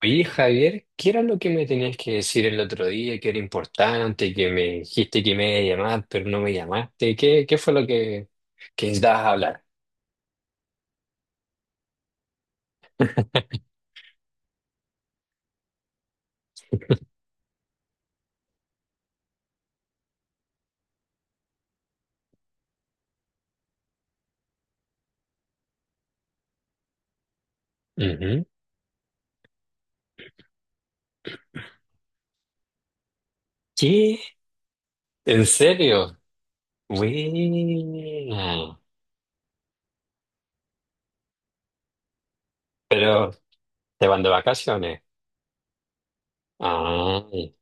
Oye, Javier, ¿qué era lo que me tenías que decir el otro día, que era importante, que me dijiste que me iba a llamar, pero no me llamaste? ¿Qué fue lo que necesitabas hablar? Ujú. ¿Qué? ¿En serio? Buena. Pero, ¿te van de vacaciones? Ay,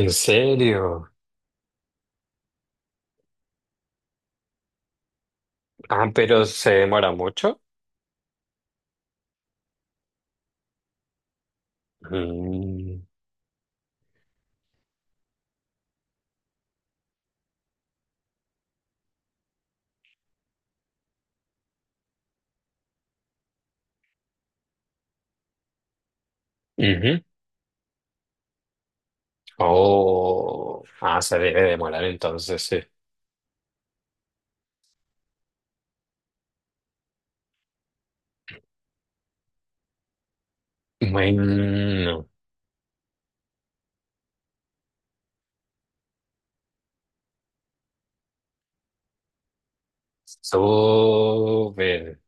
¿en serio? Ah, pero ¿se demora mucho? Mm, ujú. Oh, ah, se debe demorar entonces, sí. Bueno. Sobre.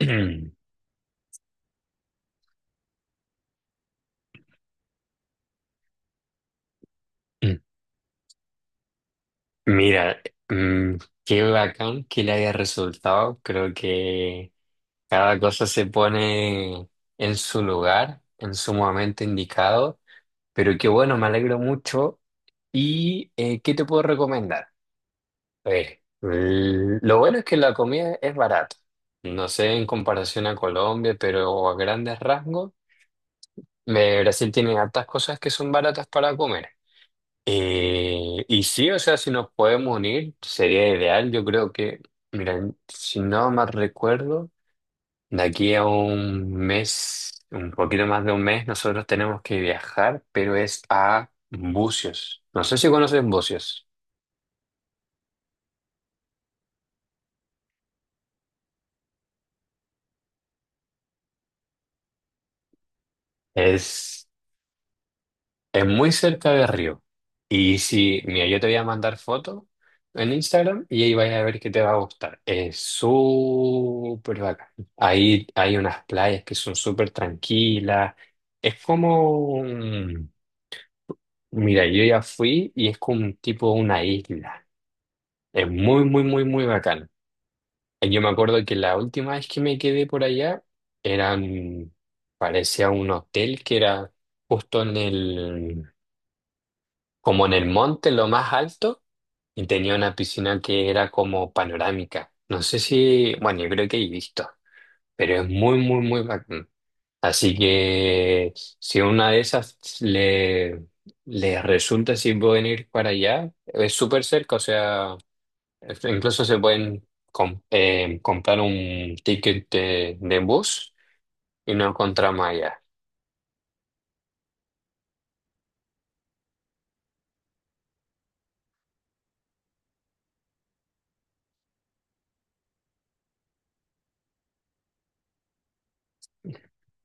Mira, mm, qué bacán que le haya resultado. Creo que cada cosa se pone en su lugar, en su momento indicado. Pero qué bueno, me alegro mucho. ¿Y qué te puedo recomendar? A ver, lo bueno es que la comida es barata. No sé en comparación a Colombia, pero a grandes rasgos, Brasil tiene hartas cosas que son baratas para comer. Y sí, o sea, si nos podemos unir, sería ideal. Yo creo que, mira, si no más recuerdo, de aquí a un mes, un poquito más de un mes, nosotros tenemos que viajar, pero es a Bucios. No sé si conoces Bucios. Es Es muy cerca de Río. Y si, mira, yo te voy a mandar fotos en Instagram y ahí vais a ver que te va a gustar. Es súper bacán. Ahí hay unas playas que son súper tranquilas. Es como, mira, yo ya fui y es como un tipo una isla. Es muy, muy, muy, muy bacán. Y yo me acuerdo que la última vez que me quedé por allá eran, parecía un hotel que era justo en el como en el monte, en lo más alto, y tenía una piscina que era como panorámica. No sé si, bueno, yo creo que he visto, pero es muy, muy, muy bacán. Así que si una de le resulta si pueden ir para allá, es súper cerca, o sea, incluso se pueden comprar un ticket de bus y no encontramos allá.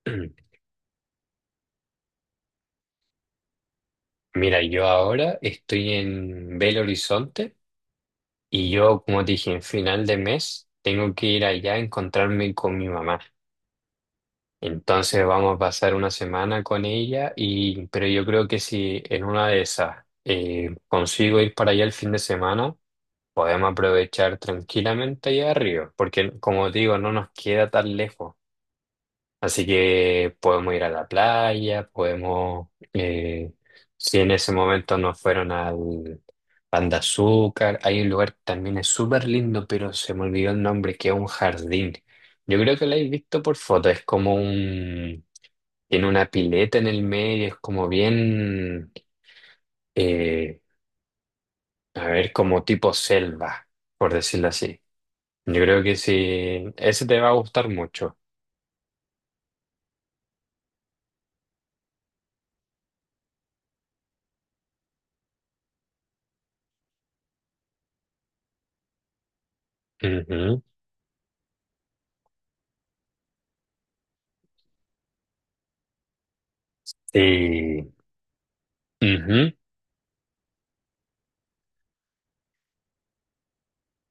Mira, yo ahora estoy en Belo Horizonte. Y yo, como te dije, en final de mes tengo que ir allá a encontrarme con mi mamá. Entonces vamos a pasar una semana con ella y pero yo creo que si en una de esas consigo ir para allá el fin de semana, podemos aprovechar tranquilamente allá arriba, porque como te digo, no nos queda tan lejos. Así que podemos ir a la playa, podemos, eh, si en ese momento no fueron al Pan de Azúcar, hay un lugar que también es súper lindo, pero se me olvidó el nombre, que es un jardín. Yo creo que lo habéis visto por foto, es como un, tiene una pileta en el medio, es como bien, eh, a ver, como tipo selva, por decirlo así. Yo creo que sí, ese te va a gustar mucho. Ujú. Sí. Ujú.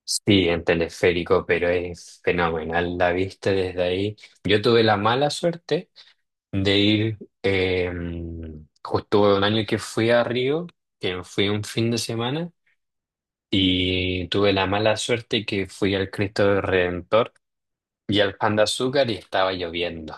Sí, en teleférico, pero es fenomenal la vista desde ahí. Yo tuve la mala suerte de ir, eh, justo un año que fui a Río, que fui un fin de semana, y tuve la mala suerte que fui al Cristo del Redentor y al Pan de Azúcar y estaba lloviendo.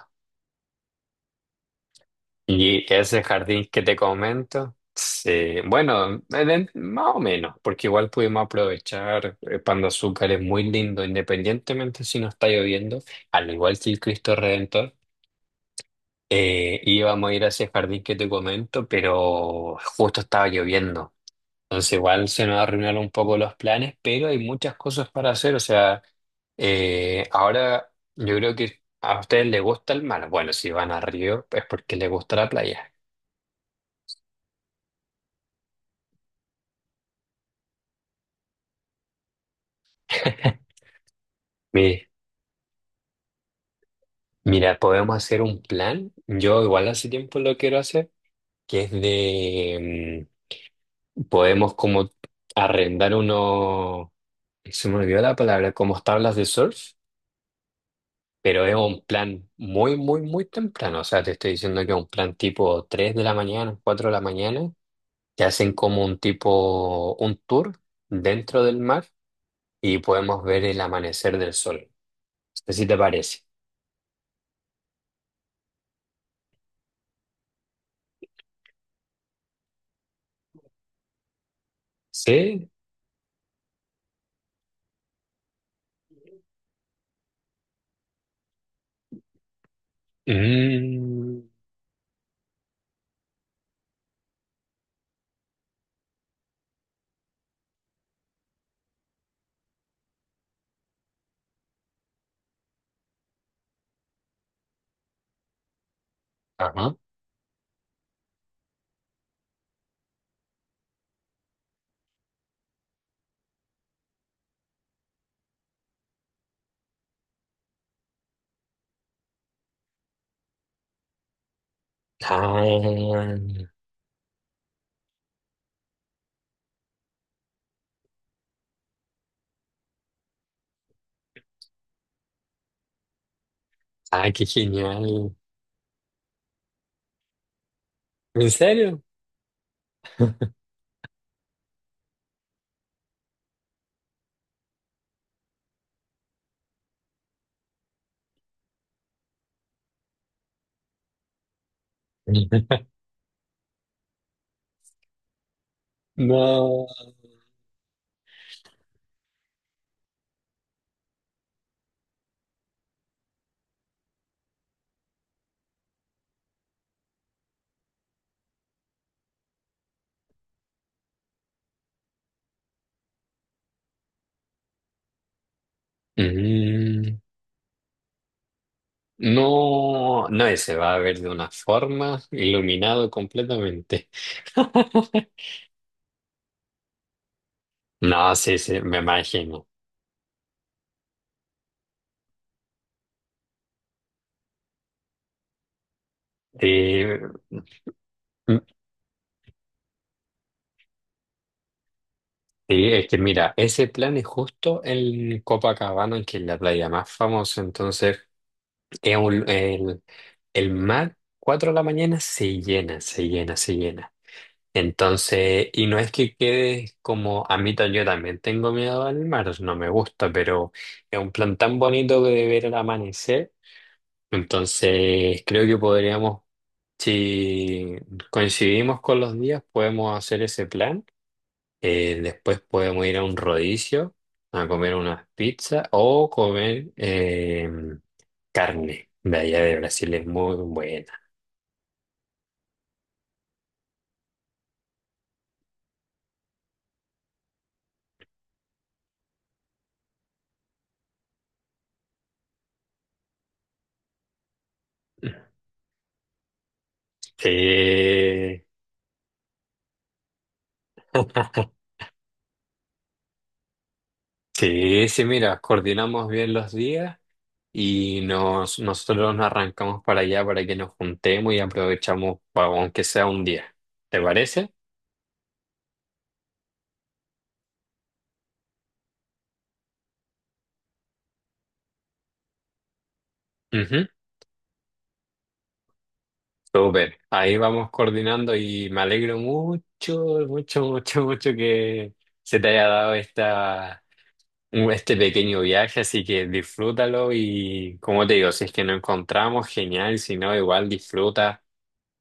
Y ese jardín que te comento, sí, bueno, en más o menos, porque igual pudimos aprovechar, Pan de Azúcar es muy lindo, independientemente si no está lloviendo, al igual que el Cristo Redentor, íbamos a ir a ese jardín que te comento, pero justo estaba lloviendo, entonces igual se nos arruinaron un poco los planes, pero hay muchas cosas para hacer, o sea, ahora yo creo que a ustedes les gusta el mar, bueno, si van a Río es porque les gusta la playa. Mi- Mira, podemos hacer un plan. Yo igual hace tiempo lo quiero hacer, que es de, podemos como arrendar uno, se me olvidó la palabra, como tablas de surf, pero es un plan muy, muy, muy temprano. O sea, te estoy diciendo que es un plan tipo 3 de la mañana, 4 de la mañana. Te hacen como un tipo, un tour dentro del mar y podemos ver el amanecer del sol. No sé si te parece. Sí. Mm. Ajá. Ah, ah, qué genial. ¿En serio? No. Mm, no, no, se va a ver de una forma iluminado completamente. No, sí, sí, me imagino. Eh, mm, sí, es que mira, ese plan es justo en Copacabana, que es la playa más famosa, entonces es el mar, 4 de la mañana, se llena, se llena, se llena. Entonces, y no es que quedes como a mitad, yo también tengo miedo al mar, no me gusta, pero es un plan tan bonito de ver el amanecer. Entonces, creo que podríamos, si coincidimos con los días, podemos hacer ese plan. Después podemos ir a un rodicio a comer unas pizzas o comer carne de allá de Brasil, es muy buena. Sí. Sí, sí, mira, coordinamos bien los días nosotros nos arrancamos para allá para que nos juntemos y aprovechamos, aunque sea un día. ¿Te parece? Ujú, súper. Ahí vamos coordinando y me alegro mucho, mucho, mucho, mucho que se te haya dado este pequeño viaje, así que disfrútalo y como te digo, si es que nos encontramos, genial, si no, igual disfruta,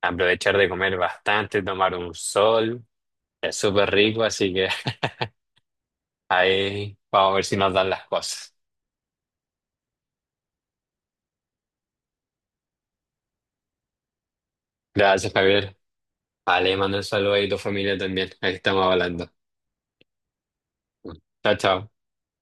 aprovechar de comer bastante, tomar un sol. Es súper rico, así que Ahí vamos a ver si nos dan las cosas. Gracias, Javier. Vale, mando un saludo ahí a tu familia también. Ahí estamos hablando. Chao, chao.